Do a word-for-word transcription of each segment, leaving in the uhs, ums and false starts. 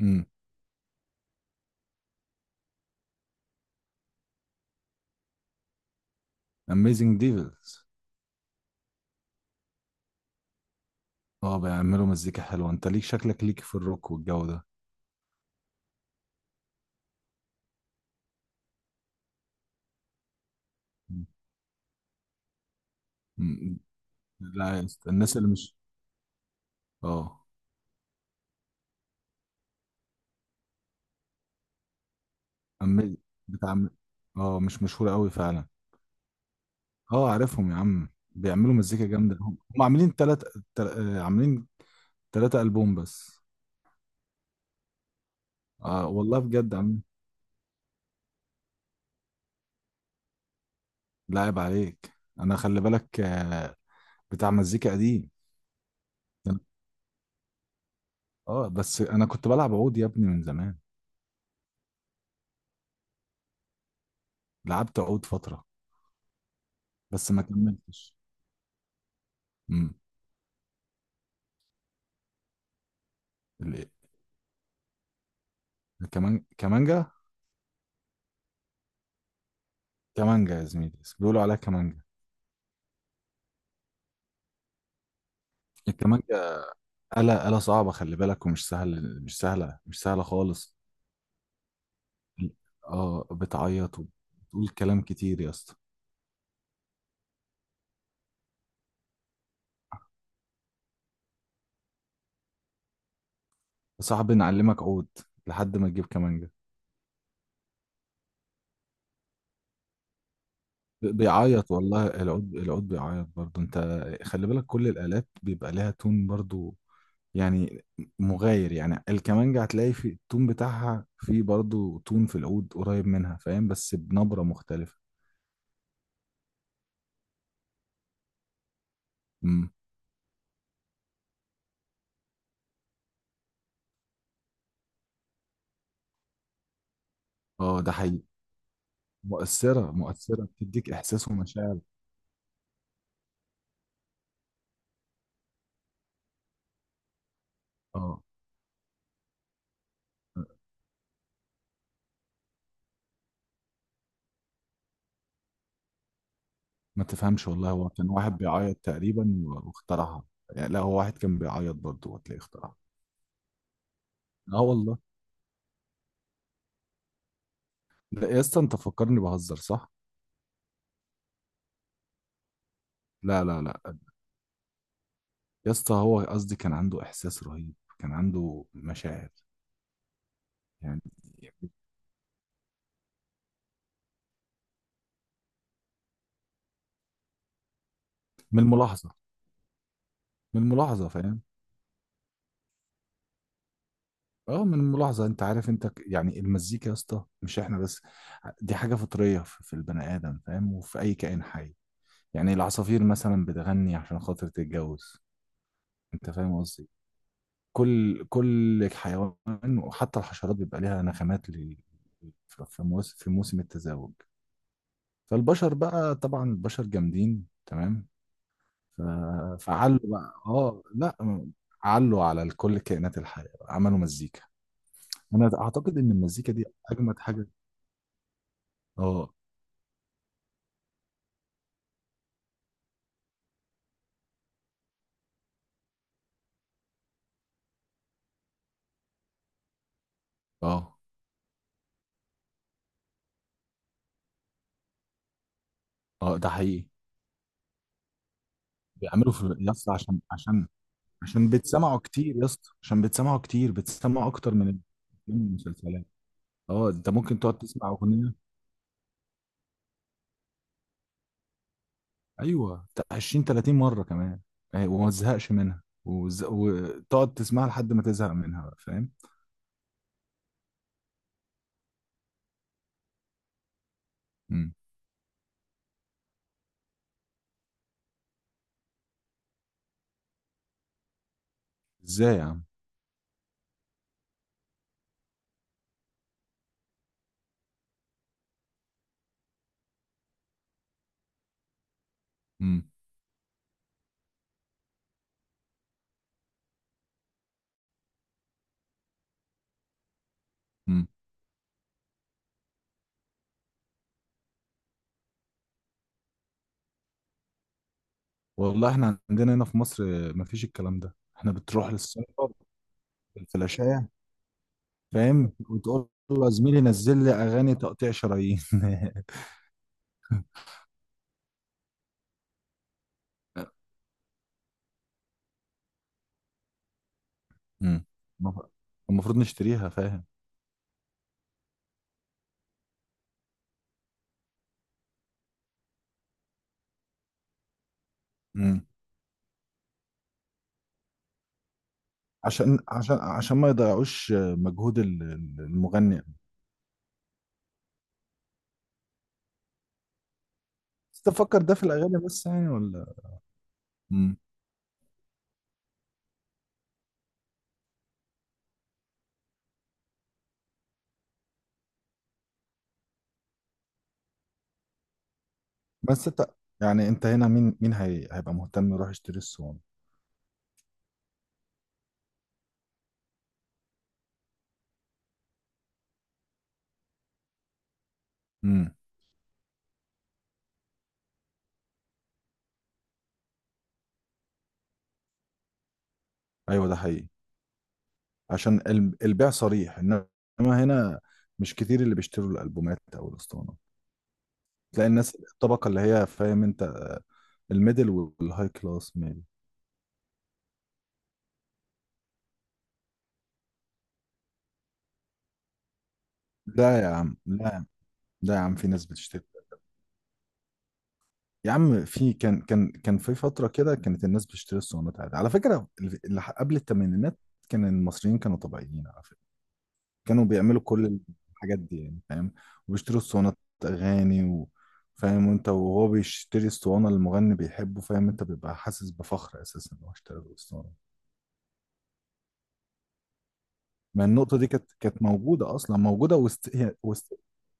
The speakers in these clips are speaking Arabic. امم اميزنج ديفلز. اه، بيعملوا مزيكا حلوه، انت ليك شكلك ليك في الروك والجو ده. مم. مم. لا يا اسطى، الناس اللي مش اه أم... بتعمل. اه، مش مشهورة قوي فعلا. اه عارفهم يا عم، بيعملوا مزيكا جامدة. هم هم عاملين تلات تل... آه، عاملين تلاتة ألبوم بس. آه والله بجد عم، لاعب عليك. أنا خلي بالك، آه بتاع مزيكا قديم. اه، بس أنا كنت بلعب عود يا ابني من زمان. لعبت عود فترة بس ما كملتش. امم الكمان كمانجا. كمانجا يا زميلي، بيقولوا عليها كمانجا. الكمانجا آلة آلة صعبة خلي بالك، ومش سهل، مش سهلة مش سهلة خالص. اه، بتعيط وبتقول كلام كتير يا اسطى. صعب نعلمك عود لحد ما تجيب كمانجا. ب- بيعيط والله، العود العود بيعيط برضه. انت خلي بالك، كل الآلات بيبقى لها تون برضه، يعني مغاير. يعني الكمانجا هتلاقي في التون بتاعها، في برضه تون في العود قريب منها، فاهم، بس بنبرة مختلفة. امم اه ده حقيقي. مؤثرة، مؤثرة بتديك إحساس ومشاعر. اه، ما تفهمش والله، هو كان واحد بيعيط تقريبا و- واخترعها. يعني لا، هو واحد كان بيعيط برضه وتلاقيه اخترعها. اه والله. لا يا اسطى، انت فكرني بهزر صح؟ لا لا لا يا اسطى، هو قصدي كان عنده إحساس رهيب، كان عنده مشاعر. يعني من الملاحظة من الملاحظة فاهم؟ اه، من الملاحظة. انت عارف، انت ك- يعني المزيكا يا اسطى مش احنا بس، دي حاجة فطرية في في البني آدم، فاهم، وفي أي كائن حي. يعني العصافير مثلا بتغني عشان خاطر تتجوز. انت فاهم قصدي، كل كل حيوان وحتى الحشرات بيبقى ليها نغمات ل- في في موس- في موسم التزاوج. فالبشر بقى، طبعا البشر جامدين تمام. ف- فعلوا بقى، اه لا، علوا على كل كائنات الحياة، عملوا مزيكا. انا اعتقد ان المزيكا دي اجمد حاجة. اه، اه، اه، ده حقيقي. بيعملوا في يس، عشان عشان عشان بتسمعوا كتير يا اسطى، عشان بتسمعوا كتير بتسمعوا اكتر من ال- من المسلسلات. اه، انت ممكن تقعد تسمع اغنيه. ايوه، تا- عشرين تلاتين مره كمان. آه، وما تزهقش منها وز... وتقعد تسمعها لحد ما تزهق منها بقى، فاهم. مم. ازاي يا عم؟ مم. مم. والله احنا عندنا هنا في مصر، آه، مفيش الكلام ده، احنا بتروح للسايبر، الفلاشية، فاهم، وتقول له يا زميلي نزل لي اغاني تقطيع شرايين. مم. المفروض نشتريها، فاهم، عشان عشان عشان ما يضيعوش مجهود ال- ال- المغني يعني. بس تفكر ده في الاغاني بس يعني، ولا؟ امم بس انت يعني، انت هنا، مين مين هي... هيبقى مهتم يروح يشتري الصوان؟ امم ايوه ده حقيقي. عشان ال- البيع صريح، انما هنا مش كتير اللي بيشتروا الالبومات او الاسطوانه. تلاقي الناس، الطبقه اللي هي، فاهم انت، الميدل والهاي كلاس ميبي. لا يا عم، لا. لا يا عم، في ناس بتشتري. يا عم في كان كان كان في فترة كده كانت الناس بتشتري الصوانات عادي على فكرة، اللي قبل الثمانينات. كان المصريين كانوا طبيعيين على فكرة، كانوا بيعملوا كل الحاجات دي يعني، فاهم، وبيشتروا الصوانات أغاني و... فاهم. وانت وهو بيشتري الصوانة اللي المغني بيحبه، فاهم انت، بيبقى حاسس بفخر أساسا إن هو اشترى له الصوانة. ما النقطة دي كانت كانت موجودة أصلا، موجودة وست... هي- وست...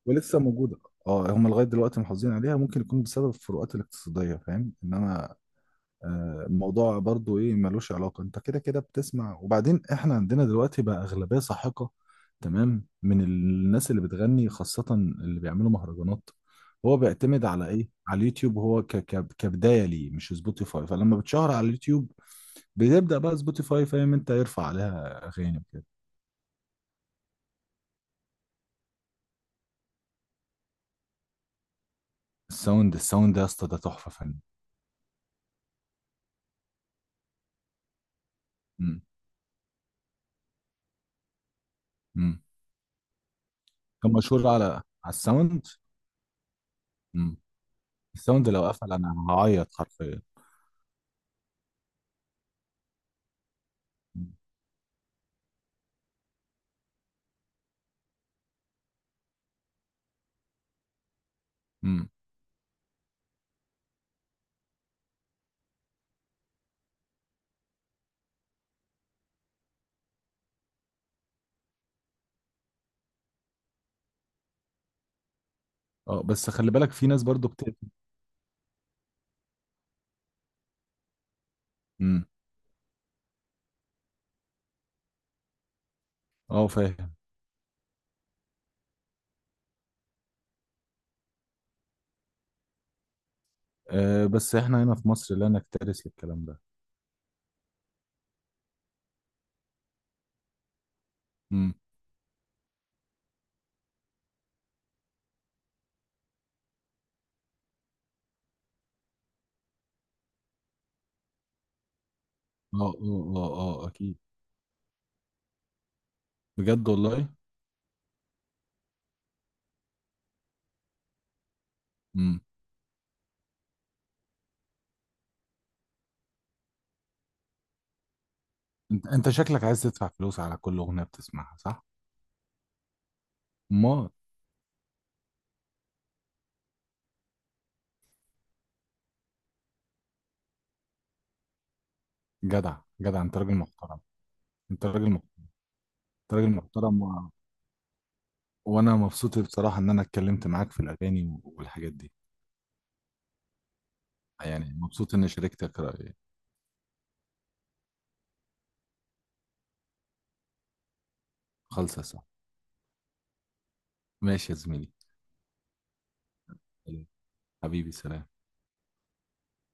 ولسه موجودة. اه، هم لغاية دلوقتي محافظين عليها، ممكن يكون بسبب الفروقات الاقتصادية، فاهم، انما آه، الموضوع برضو ايه ملوش علاقة. انت كده كده بتسمع. وبعدين احنا عندنا دلوقتي بقى اغلبية ساحقة تمام من الناس اللي بتغني، خاصة اللي بيعملوا مهرجانات. هو بيعتمد على ايه؟ على اليوتيوب. هو ك ك كبداية ليه مش سبوتيفاي. فلما بتشهر على اليوتيوب بيبدأ بقى سبوتيفاي، فاهم انت، يرفع عليها اغاني وكده. الساوند الساوند ده يا اسطى ده تحفة فنية. امم امم كان مشهور على على الساوند. امم الساوند لو قفل انا هعيط حرفيا. امم اه، بس خلي بالك، في ناس برضو بت امم اه، فاهم. آه، بس احنا هنا في مصر لا نكترث للكلام ده. امم اه، اه، اه، اه، اكيد. بجد والله. امم انت، انت شكلك عايز تدفع فلوس على كل اغنيه بتسمعها، صح؟ امال. جدع جدع، انت راجل محترم. انت راجل محترم. انت راجل محترم و... وانا مبسوط بصراحه ان انا اتكلمت معاك في الاغاني والحاجات دي. يعني مبسوط اني شاركتك رايي. خالصه صح. ماشي يا زميلي. حبيبي سلام.